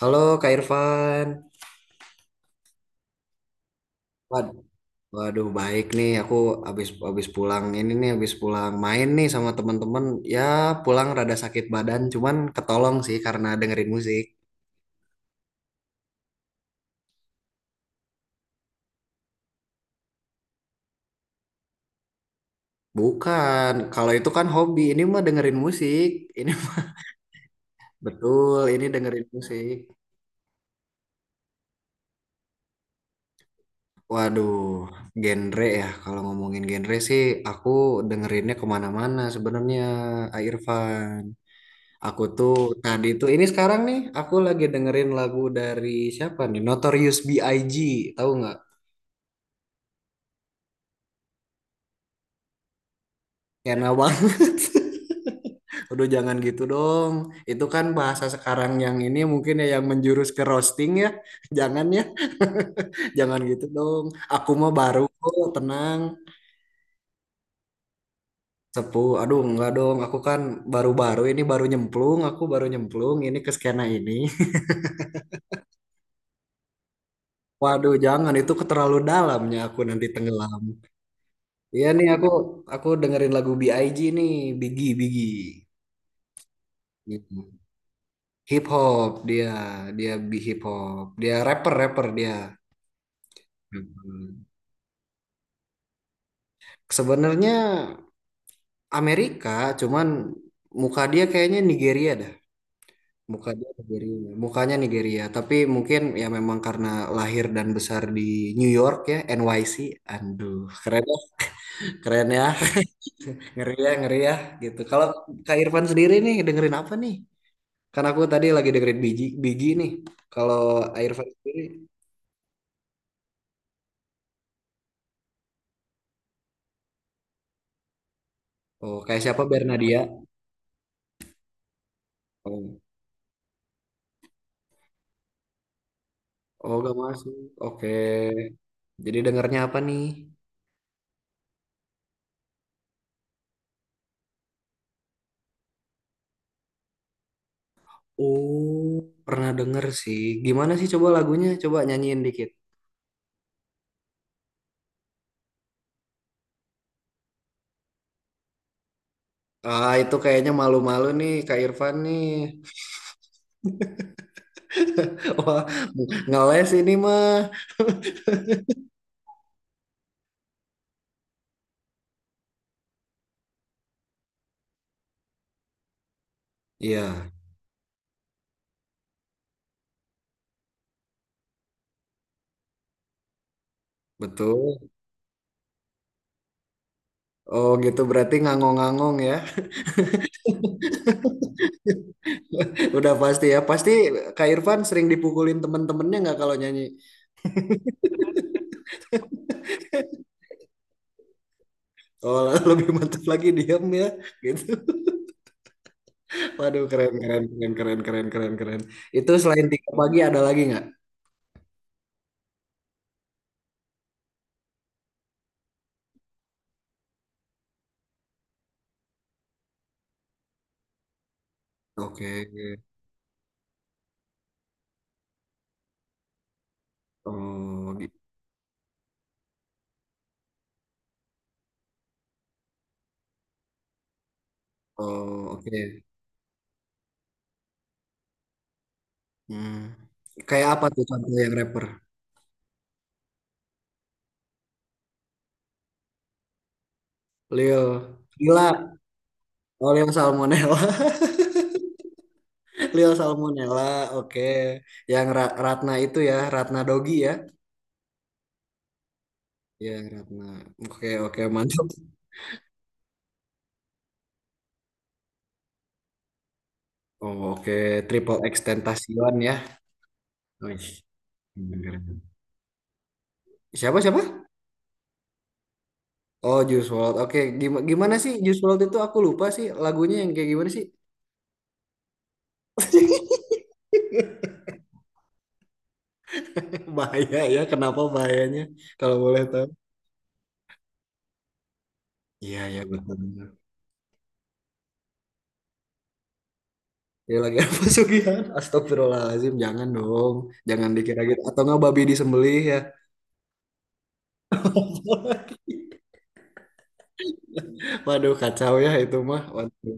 Halo Kak Irfan. Wad- Waduh, baik nih. Aku habis habis pulang ini nih, habis pulang main nih sama teman-teman. Ya, pulang rada sakit badan, cuman ketolong sih karena dengerin musik. Bukan, kalau itu kan hobi. Ini mah dengerin musik. Ini betul, ini dengerin musik. Waduh, genre ya. Kalau ngomongin genre sih, aku dengerinnya kemana-mana sebenarnya, Kak Irfan. Aku tuh tadi tuh ini sekarang nih aku lagi dengerin lagu dari siapa nih? Notorious B.I.G. Tahu nggak? Enak banget. Aduh, jangan gitu dong. Itu kan bahasa sekarang yang ini mungkin ya yang menjurus ke roasting ya. Jangan ya. Jangan gitu dong. Aku mah baru kok, tenang. Sepuh. Aduh, enggak dong. Aku kan baru-baru ini baru nyemplung, aku baru nyemplung ini ke skena ini. Waduh, jangan itu keterlalu dalamnya aku nanti tenggelam. Iya nih aku dengerin lagu B.I.G nih, Biggie Biggie. Gitu. Hip hop dia, dia bi hip hop. Dia rapper rapper dia. Hmm. Sebenarnya Amerika, cuman muka dia kayaknya Nigeria dah. Muka dia Nigeria, mukanya Nigeria. Tapi mungkin ya memang karena lahir dan besar di New York ya, NYC. Aduh, keren ya, keren ya, ngeri ya, gitu. Kalau Kak Irfan sendiri nih dengerin apa nih? Kan aku tadi lagi dengerin Biji, Biji nih. Kalau Airvan sendiri, oh kayak siapa Bernadia? Oh, oh gak masuk. Oke. Jadi dengernya apa nih? Oh, pernah denger sih. Gimana sih coba lagunya? Coba nyanyiin dikit. Ah, itu kayaknya malu-malu nih Kak Irfan nih. Wah, ngeles ini mah. Iya, betul. Oh gitu berarti ngangong-ngangong ya. Udah pasti ya. Pasti Kak Irfan sering dipukulin temen-temennya nggak kalau nyanyi? Oh, lebih mantap lagi diam ya, gitu. Waduh, keren, keren, keren, keren, keren, keren, keren. Itu selain tiga pagi ada lagi nggak? Oke, oh, gitu. Oh, oke. Hmm. Kayak apa tuh contoh yang rapper? Leo, Lila, oh Leo Salmonella, Leo Salmonella, oke. Yang Ratna itu ya, Ratna Dogi ya, ya Ratna. Oke, oke, mantap. Oh, oke, Triple X Tentacion ya. Wih, keren, keren. Siapa siapa? Oh, Juice WRLD. Oke, Gimana sih Juice WRLD itu? Aku lupa sih lagunya yang kayak gimana sih? Bahaya ya, kenapa bahayanya? Kalau boleh tahu. Iya, iya betul. Ya lagi apa sugihan? Astagfirullahaladzim, jangan dong. Jangan dikira gitu. Atau nggak babi disembelih ya. Waduh, kacau ya itu mah. Waduh.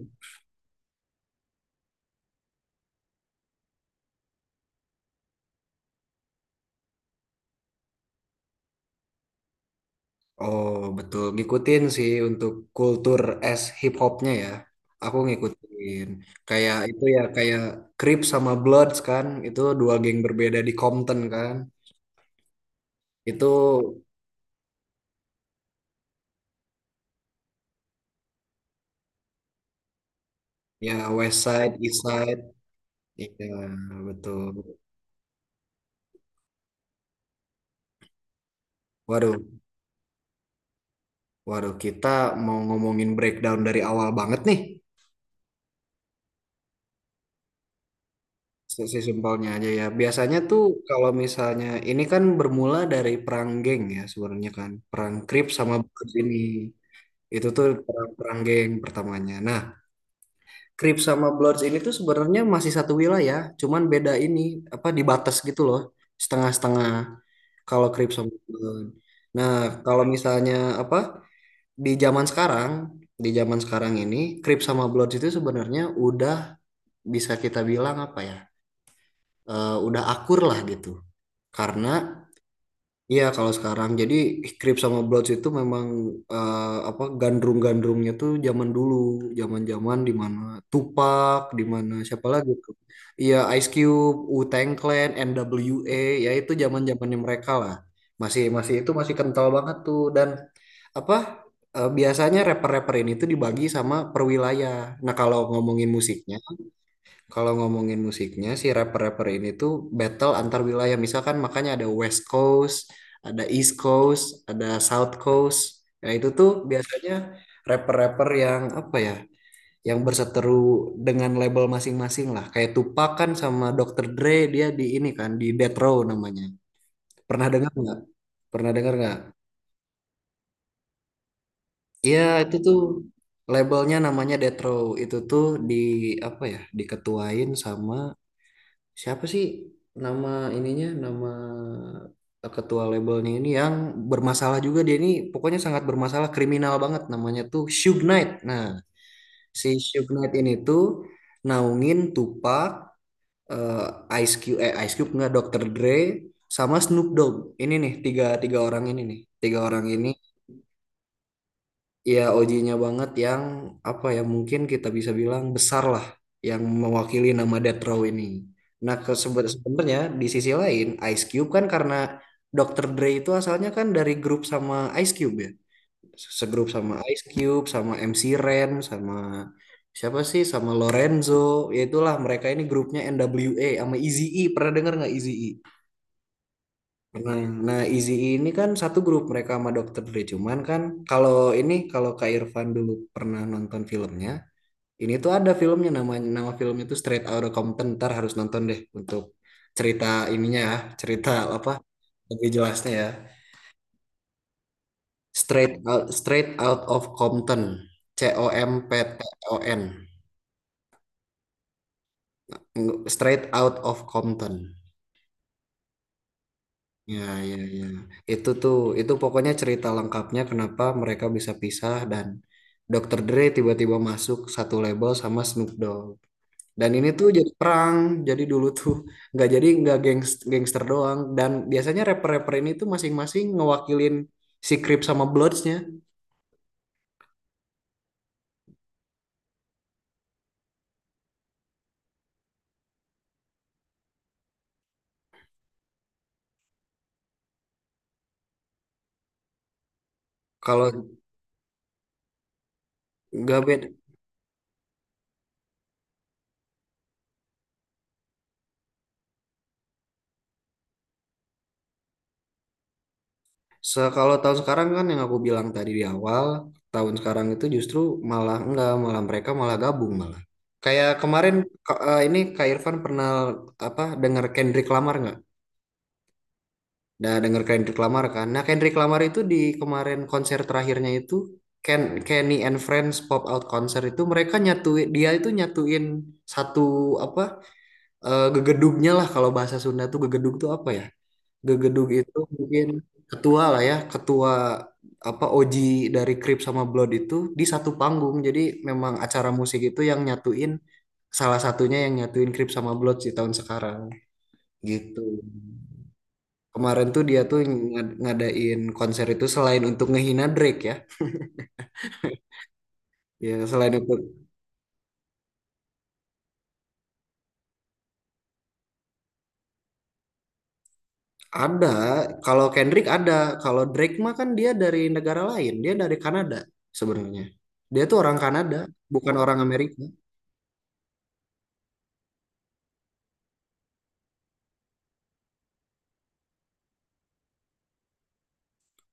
Oh, betul. Ngikutin sih untuk kultur es hip hopnya ya. Aku ngikutin. Kayak itu ya, kayak Crips sama Bloods kan. Itu dua geng berbeda di Compton kan. Itu ya West Side, East Side. Iya, betul. Waduh, waduh. Kita mau ngomongin breakdown dari awal banget nih. Sesi simpelnya aja ya. Biasanya tuh kalau misalnya ini kan bermula dari perang geng ya sebenarnya kan. Perang Crips sama Bloods ini. Itu tuh perang geng pertamanya. Nah, Crips sama Bloods ini tuh sebenarnya masih satu wilayah, cuman beda ini apa di batas gitu loh, setengah-setengah kalau Crips sama Bloods. Nah, kalau misalnya apa di zaman sekarang, di zaman sekarang ini Crips sama Bloods itu sebenarnya udah bisa kita bilang apa ya? Udah akur lah gitu. Karena. Iya, kalau sekarang jadi Crips sama Bloods itu memang eh, apa gandrung-gandrungnya tuh zaman dulu, zaman-zaman di mana Tupac, di mana siapa lagi tuh? Iya, Ice Cube, Wu-Tang Clan, NWA, ya itu zaman-zamannya mereka lah. Masih masih itu masih kental banget tuh dan apa biasanya rapper-rapper ini tuh dibagi sama perwilayah. Nah, kalau ngomongin musiknya si rapper-rapper ini tuh battle antar wilayah. Misalkan makanya ada West Coast, ada East Coast, ada South Coast. Nah itu tuh biasanya rapper-rapper yang apa ya, yang berseteru dengan label masing-masing lah. Kayak Tupac kan sama Dr. Dre dia di ini kan di Death Row namanya. Pernah dengar nggak? Pernah dengar nggak? Iya itu tuh labelnya namanya Death Row. Itu tuh di apa ya, diketuain sama, siapa sih nama ininya, nama ketua labelnya ini yang bermasalah juga dia ini pokoknya sangat bermasalah, kriminal banget, namanya tuh Suge Knight. Nah, si Suge Knight ini tuh naungin Tupac, eh Ice Cube nggak Dr. Dre sama Snoop Dogg. Ini nih tiga tiga orang ini nih, tiga orang ini. Iya, OG-nya banget yang apa ya mungkin kita bisa bilang besar lah yang mewakili nama Death Row ini. Nah, sebenarnya di sisi lain Ice Cube kan karena Dr. Dre itu asalnya kan dari grup sama Ice Cube ya. Segrup sama Ice Cube, sama MC Ren, sama siapa sih? Sama Lorenzo. Ya itulah mereka ini grupnya NWA sama Eazy-E. Pernah dengar nggak Eazy-E? Nah, nah, Izzy ini kan satu grup mereka sama Dokter Dre. Cuman kan kalau kalau Kak Irfan dulu pernah nonton filmnya, ini tuh ada filmnya namanya, nama filmnya itu Straight Outta Compton. Ntar harus nonton deh untuk cerita ininya ya, cerita apa lebih jelasnya ya. Straight Out of Compton. C O M P T O N. Straight Out of Compton. Ya, ya, ya. Itu tuh, itu pokoknya cerita lengkapnya kenapa mereka bisa pisah dan Dokter Dre tiba-tiba masuk satu label sama Snoop Dogg. Dan ini tuh jadi perang. Jadi dulu tuh nggak jadi nggak gangs, gangster doang. Dan biasanya rapper-rapper ini tuh masing-masing ngewakilin si Crip sama Bloods-nya. Kalau nggak beda, kalau tahun sekarang kan yang aku bilang tadi di awal, tahun sekarang itu justru malah enggak, malah mereka malah gabung malah. Kayak kemarin ini Kak Irfan pernah apa dengar Kendrick Lamar nggak? Nah, dengar Kendrick Lamar kan. Nah, Kendrick Lamar itu di kemarin konser terakhirnya itu Ken, Kenny and Friends Pop Out konser itu mereka nyatuin, dia itu nyatuin satu apa gegedugnya lah, kalau bahasa Sunda tuh gegedug tuh apa ya? Gegedug itu mungkin ketua lah ya, ketua apa OG dari Krip sama Blood itu di satu panggung. Jadi memang acara musik itu yang nyatuin, salah satunya yang nyatuin Krip sama Blood di tahun sekarang gitu. Kemarin tuh dia tuh ngadain konser itu selain untuk ngehina Drake ya. Ya selain itu ada, kalau Kendrick ada, kalau Drake mah kan dia dari negara lain, dia dari Kanada sebenarnya. Dia tuh orang Kanada, bukan orang Amerika.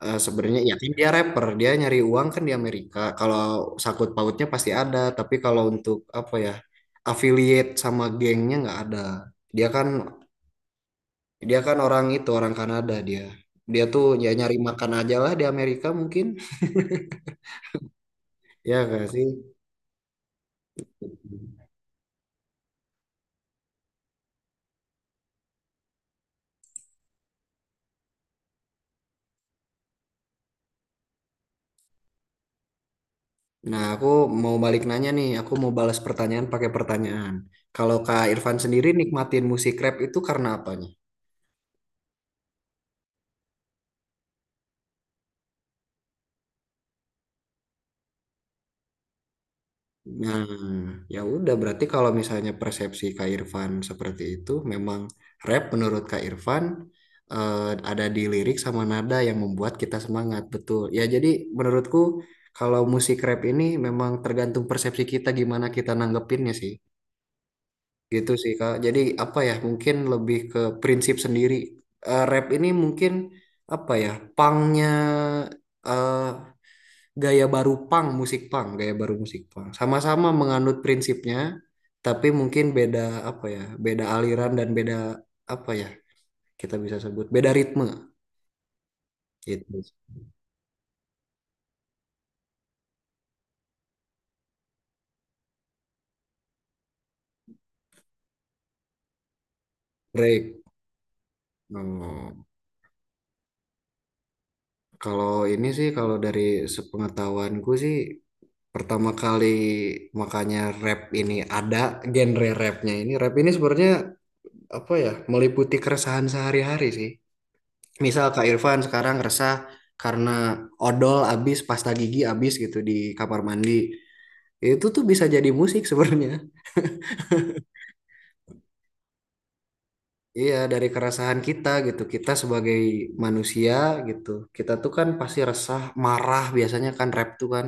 Sebenarnya ya kan dia rapper, dia nyari uang kan di Amerika. Kalau sakut pautnya pasti ada, tapi kalau untuk apa ya affiliate sama gengnya nggak ada. Dia kan dia kan orang itu orang Kanada dia. Dia tuh ya nyari makan aja lah di Amerika mungkin. Ya gak sih? Nah, aku mau balik nanya nih, aku mau balas pertanyaan pakai pertanyaan. Kalau Kak Irfan sendiri nikmatin musik rap itu karena apanya? Nah, ya udah berarti kalau misalnya persepsi Kak Irfan seperti itu, memang rap menurut Kak Irfan eh, ada di lirik sama nada yang membuat kita semangat, betul. Ya jadi menurutku kalau musik rap ini memang tergantung persepsi kita gimana kita nanggepinnya sih. Gitu sih Kak. Jadi apa ya, mungkin lebih ke prinsip sendiri. Rap ini mungkin apa ya, pangnya eh, gaya baru punk, musik punk, gaya baru musik punk. Sama-sama menganut prinsipnya, tapi mungkin beda apa ya, beda aliran dan beda apa ya, kita bisa sebut beda ritme gitu. Break. Oh, kalau ini sih kalau dari sepengetahuanku sih pertama kali makanya rap ini ada genre rapnya, ini rap ini sebenarnya apa ya, meliputi keresahan sehari-hari sih. Misal Kak Irfan sekarang resah karena odol habis, pasta gigi habis gitu di kamar mandi. Itu tuh bisa jadi musik sebenarnya. Iya, dari keresahan kita gitu. Kita sebagai manusia gitu. Kita tuh kan pasti resah, marah biasanya kan rap tuh kan.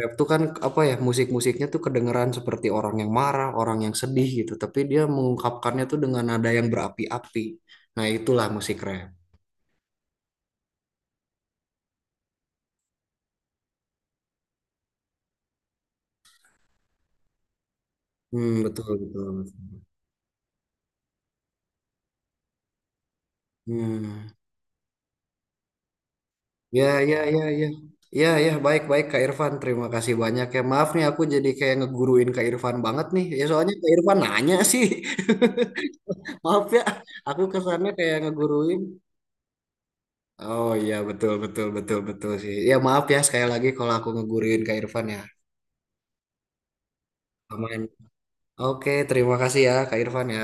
Rap tuh kan apa ya, musik-musiknya tuh kedengeran seperti orang yang marah, orang yang sedih gitu. Tapi dia mengungkapkannya tuh dengan nada yang berapi-api. Nah, itulah musik rap. Hmm, betul, betul. Hmm. Ya, ya, ya, ya. Ya, ya, baik-baik Kak Irfan. Terima kasih banyak ya. Maaf nih aku jadi kayak ngeguruin Kak Irfan banget nih. Ya soalnya Kak Irfan nanya sih. Maaf ya, aku kesannya kayak ngeguruin. Oh iya, betul, betul, betul, betul sih. Ya maaf ya sekali lagi kalau aku ngeguruin Kak Irfan ya. Aman. Oke, terima kasih ya Kak Irfan ya.